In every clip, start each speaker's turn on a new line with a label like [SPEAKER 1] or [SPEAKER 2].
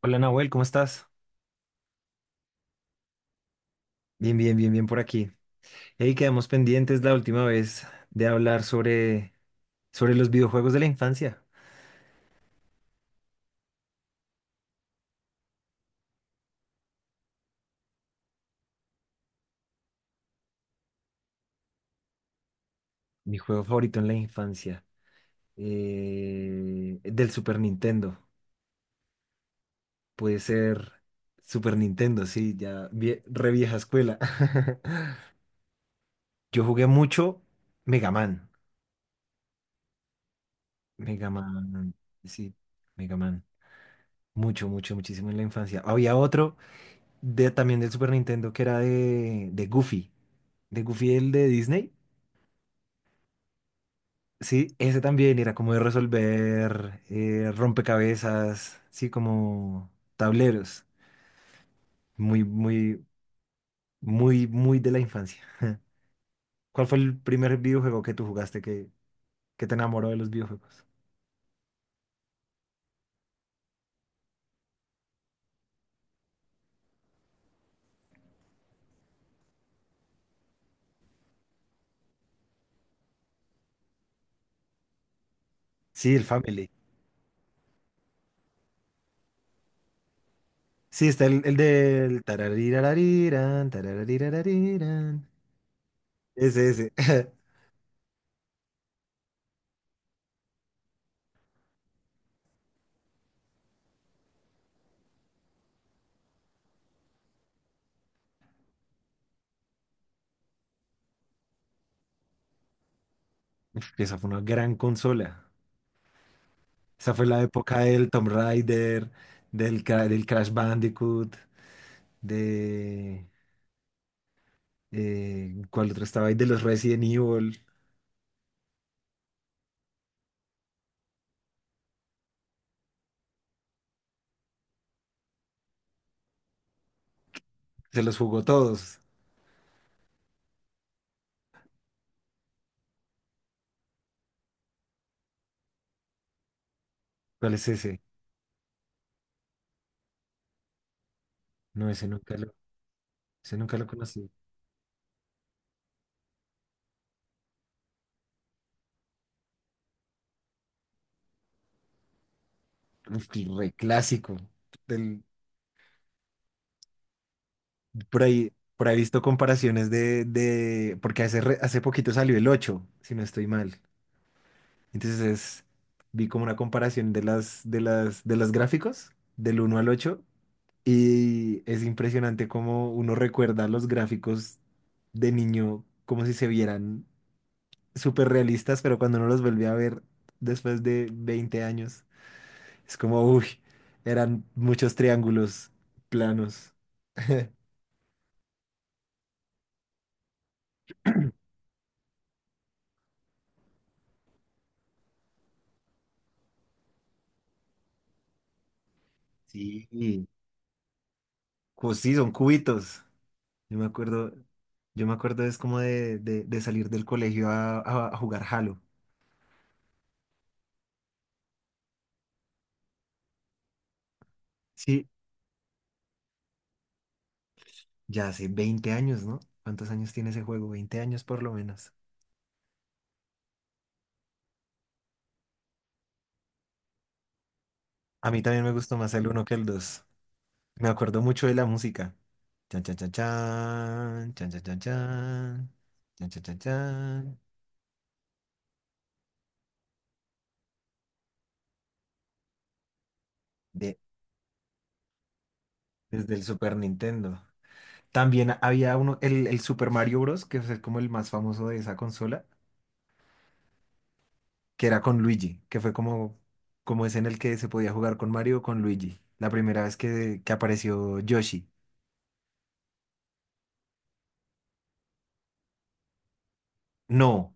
[SPEAKER 1] Hola Nahuel, ¿cómo estás? Bien, bien, bien, bien por aquí. Hey, quedamos pendientes la última vez de hablar sobre los videojuegos de la infancia. Mi juego favorito en la infancia, del Super Nintendo. Puede ser Super Nintendo, sí, ya re vieja escuela. Yo jugué mucho Mega Man. Mega Man, sí, Mega Man. Mucho, mucho, muchísimo en la infancia. Había otro también del Super Nintendo que era de Goofy. De Goofy, el de Disney. Sí, ese también era como de resolver rompecabezas, sí, como tableros. Muy, muy, muy, muy de la infancia. ¿Cuál fue el primer videojuego que tú jugaste que te enamoró de los videojuegos? Sí, el Family. Sí, está el del tararirarirán, tararirarirán. Ese, ese. Uf, esa fue una gran consola. Esa fue la época del Tomb Raider, del Crash Bandicoot, de... ¿cuál otro estaba ahí? De los Resident Evil. Se los jugó todos. ¿Cuál es ese? No, ese nunca lo conocí. Uf, re clásico. Del- por ahí, por ahí he visto comparaciones porque hace poquito salió el 8 si no estoy mal. Entonces vi como una comparación de los gráficos, del 1 al 8 y es impresionante cómo uno recuerda los gráficos de niño como si se vieran súper realistas, pero cuando uno los volvió a ver después de 20 años, es como, uy, eran muchos triángulos planos. Sí, pues sí, son cubitos. Yo me acuerdo, yo me acuerdo es como de salir del colegio a jugar Halo. Sí, ya hace 20 años, ¿no? ¿Cuántos años tiene ese juego? 20 años por lo menos. A mí también me gustó más el 1 que el 2. Me acuerdo mucho de la música. Chan, chan, chan, chan, chan, chan, chan, chan, chan, chan, chan, chan. De, Desde el Super Nintendo. También había uno, el Super Mario Bros., que es como el más famoso de esa consola, que era con Luigi, que fue como ese en el que se podía jugar con Mario o con Luigi. La primera vez que apareció Yoshi. No,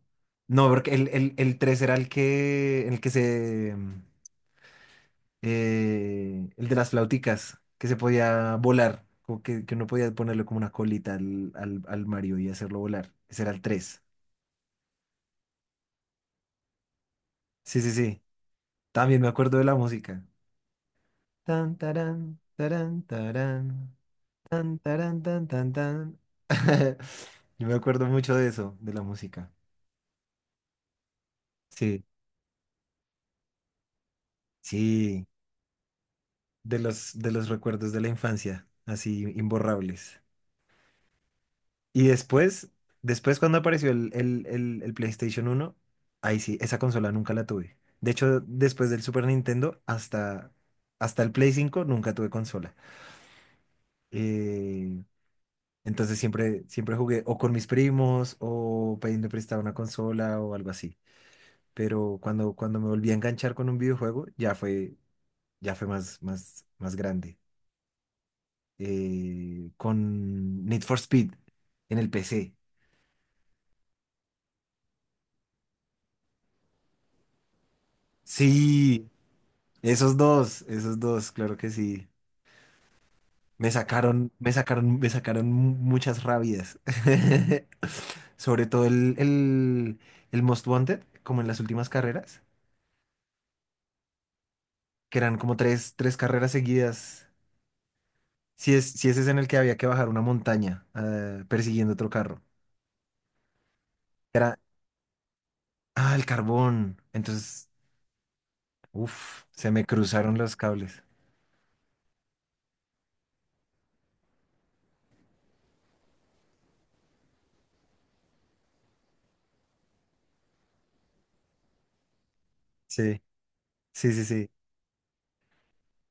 [SPEAKER 1] no, porque el 3 era el de las flauticas, que se podía volar, como que uno podía ponerle como una colita al Mario y hacerlo volar. Ese era el 3. Sí, sí, sí. También me acuerdo de la música. Tan, tarán, tarán, tarán, tan, tan, tan. Yo me acuerdo mucho de eso, de la música. Sí, sí, de los recuerdos de la infancia, así imborrables. Y después cuando apareció el PlayStation 1, ahí sí, esa consola nunca la tuve. De hecho, después del Super Nintendo hasta el Play 5 nunca tuve consola. Eh, entonces siempre jugué o con mis primos o pidiendo prestada una consola o algo así. Pero cuando me volví a enganchar con un videojuego, ya fue más, más, más grande. Con Need for Speed en el PC. Sí, esos dos, esos dos, claro que sí. Me sacaron muchas rabias. Sobre todo el Most Wanted, como en las últimas carreras, que eran como tres carreras seguidas. Si ese es en el que había que bajar una montaña, persiguiendo otro carro. Era, ah, el carbón. Entonces, se me cruzaron los cables. Sí, sí, sí, sí.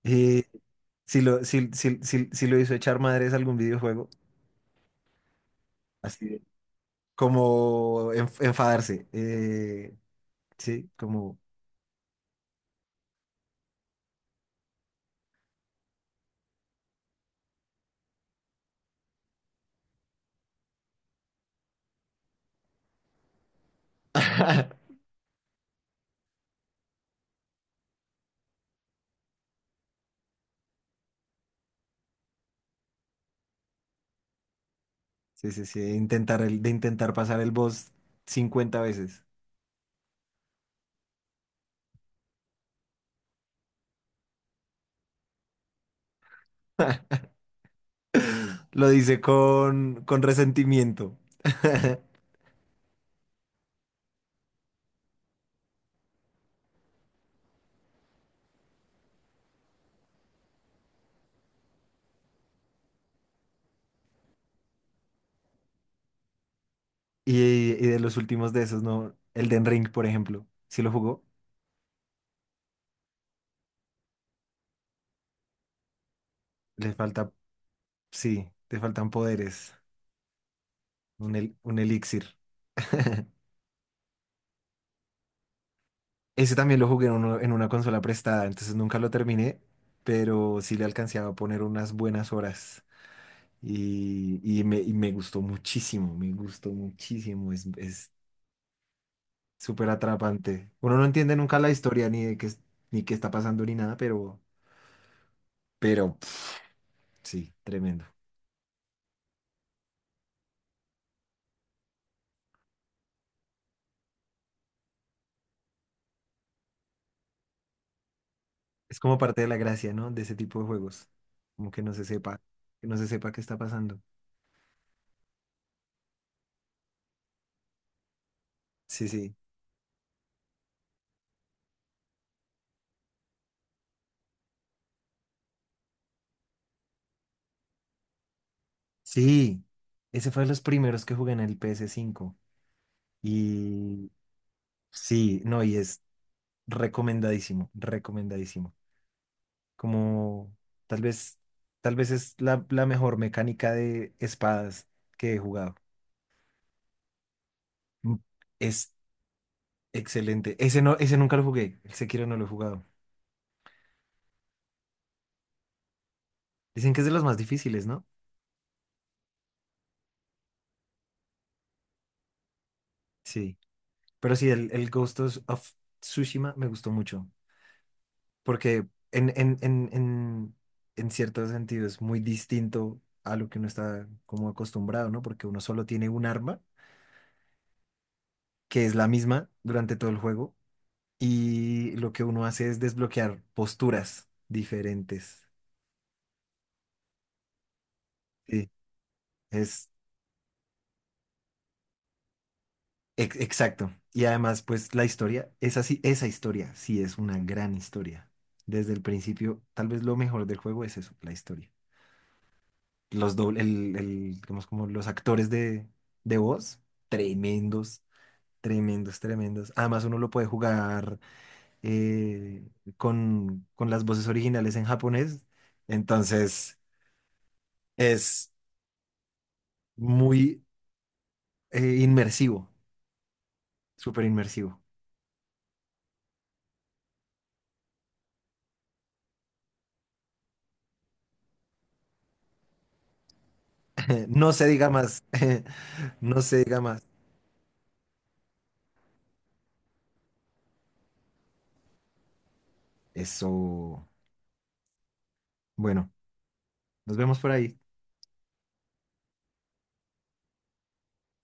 [SPEAKER 1] Y si lo, si, si, si, si lo hizo echar madres algún videojuego. Así como enfadarse. Sí, como, sí, sí, sí, de intentar pasar el boss 50 veces. Lo dice con resentimiento. Y, y de los últimos de esos, ¿no? El Den Ring, por ejemplo. Si lo jugó, le falta, sí, te faltan poderes. Un elixir. Ese también lo jugué en una consola prestada, entonces nunca lo terminé, pero sí le alcancé a poner unas buenas horas. Y me gustó muchísimo, me gustó muchísimo, es súper atrapante. Uno no entiende nunca la historia ni de qué, ni qué está pasando ni nada, pero, pero pf, sí, tremendo. Es como parte de la gracia, ¿no? De ese tipo de juegos, como que no se sepa, que no se sepa qué está pasando. Sí, sí. Sí, ese fue de los primeros que jugué en el PS5 y sí, no, y es recomendadísimo, recomendadísimo. Como tal vez, tal vez es la mejor mecánica de espadas que he jugado. Mm. Es excelente. Ese no, ese nunca lo jugué. El Sekiro no lo he jugado. Dicen que es de los más difíciles, ¿no? Sí. Pero sí, el Ghost of Tsushima me gustó mucho. Porque en, en, en, en, en cierto sentido es muy distinto a lo que uno está como acostumbrado, ¿no? Porque uno solo tiene un arma que es la misma durante todo el juego y lo que uno hace es desbloquear posturas diferentes. Sí, es exacto. Y además, pues la historia es así, esa historia sí es una gran historia. Desde el principio, tal vez lo mejor del juego es eso, la historia. Los doble, el- digamos como los actores de voz, tremendos, tremendos, tremendos. Además, uno lo puede jugar eh, con las voces originales en japonés. Entonces, es muy inmersivo, súper inmersivo. No se diga más, no se diga más. Eso. Bueno, nos vemos por ahí.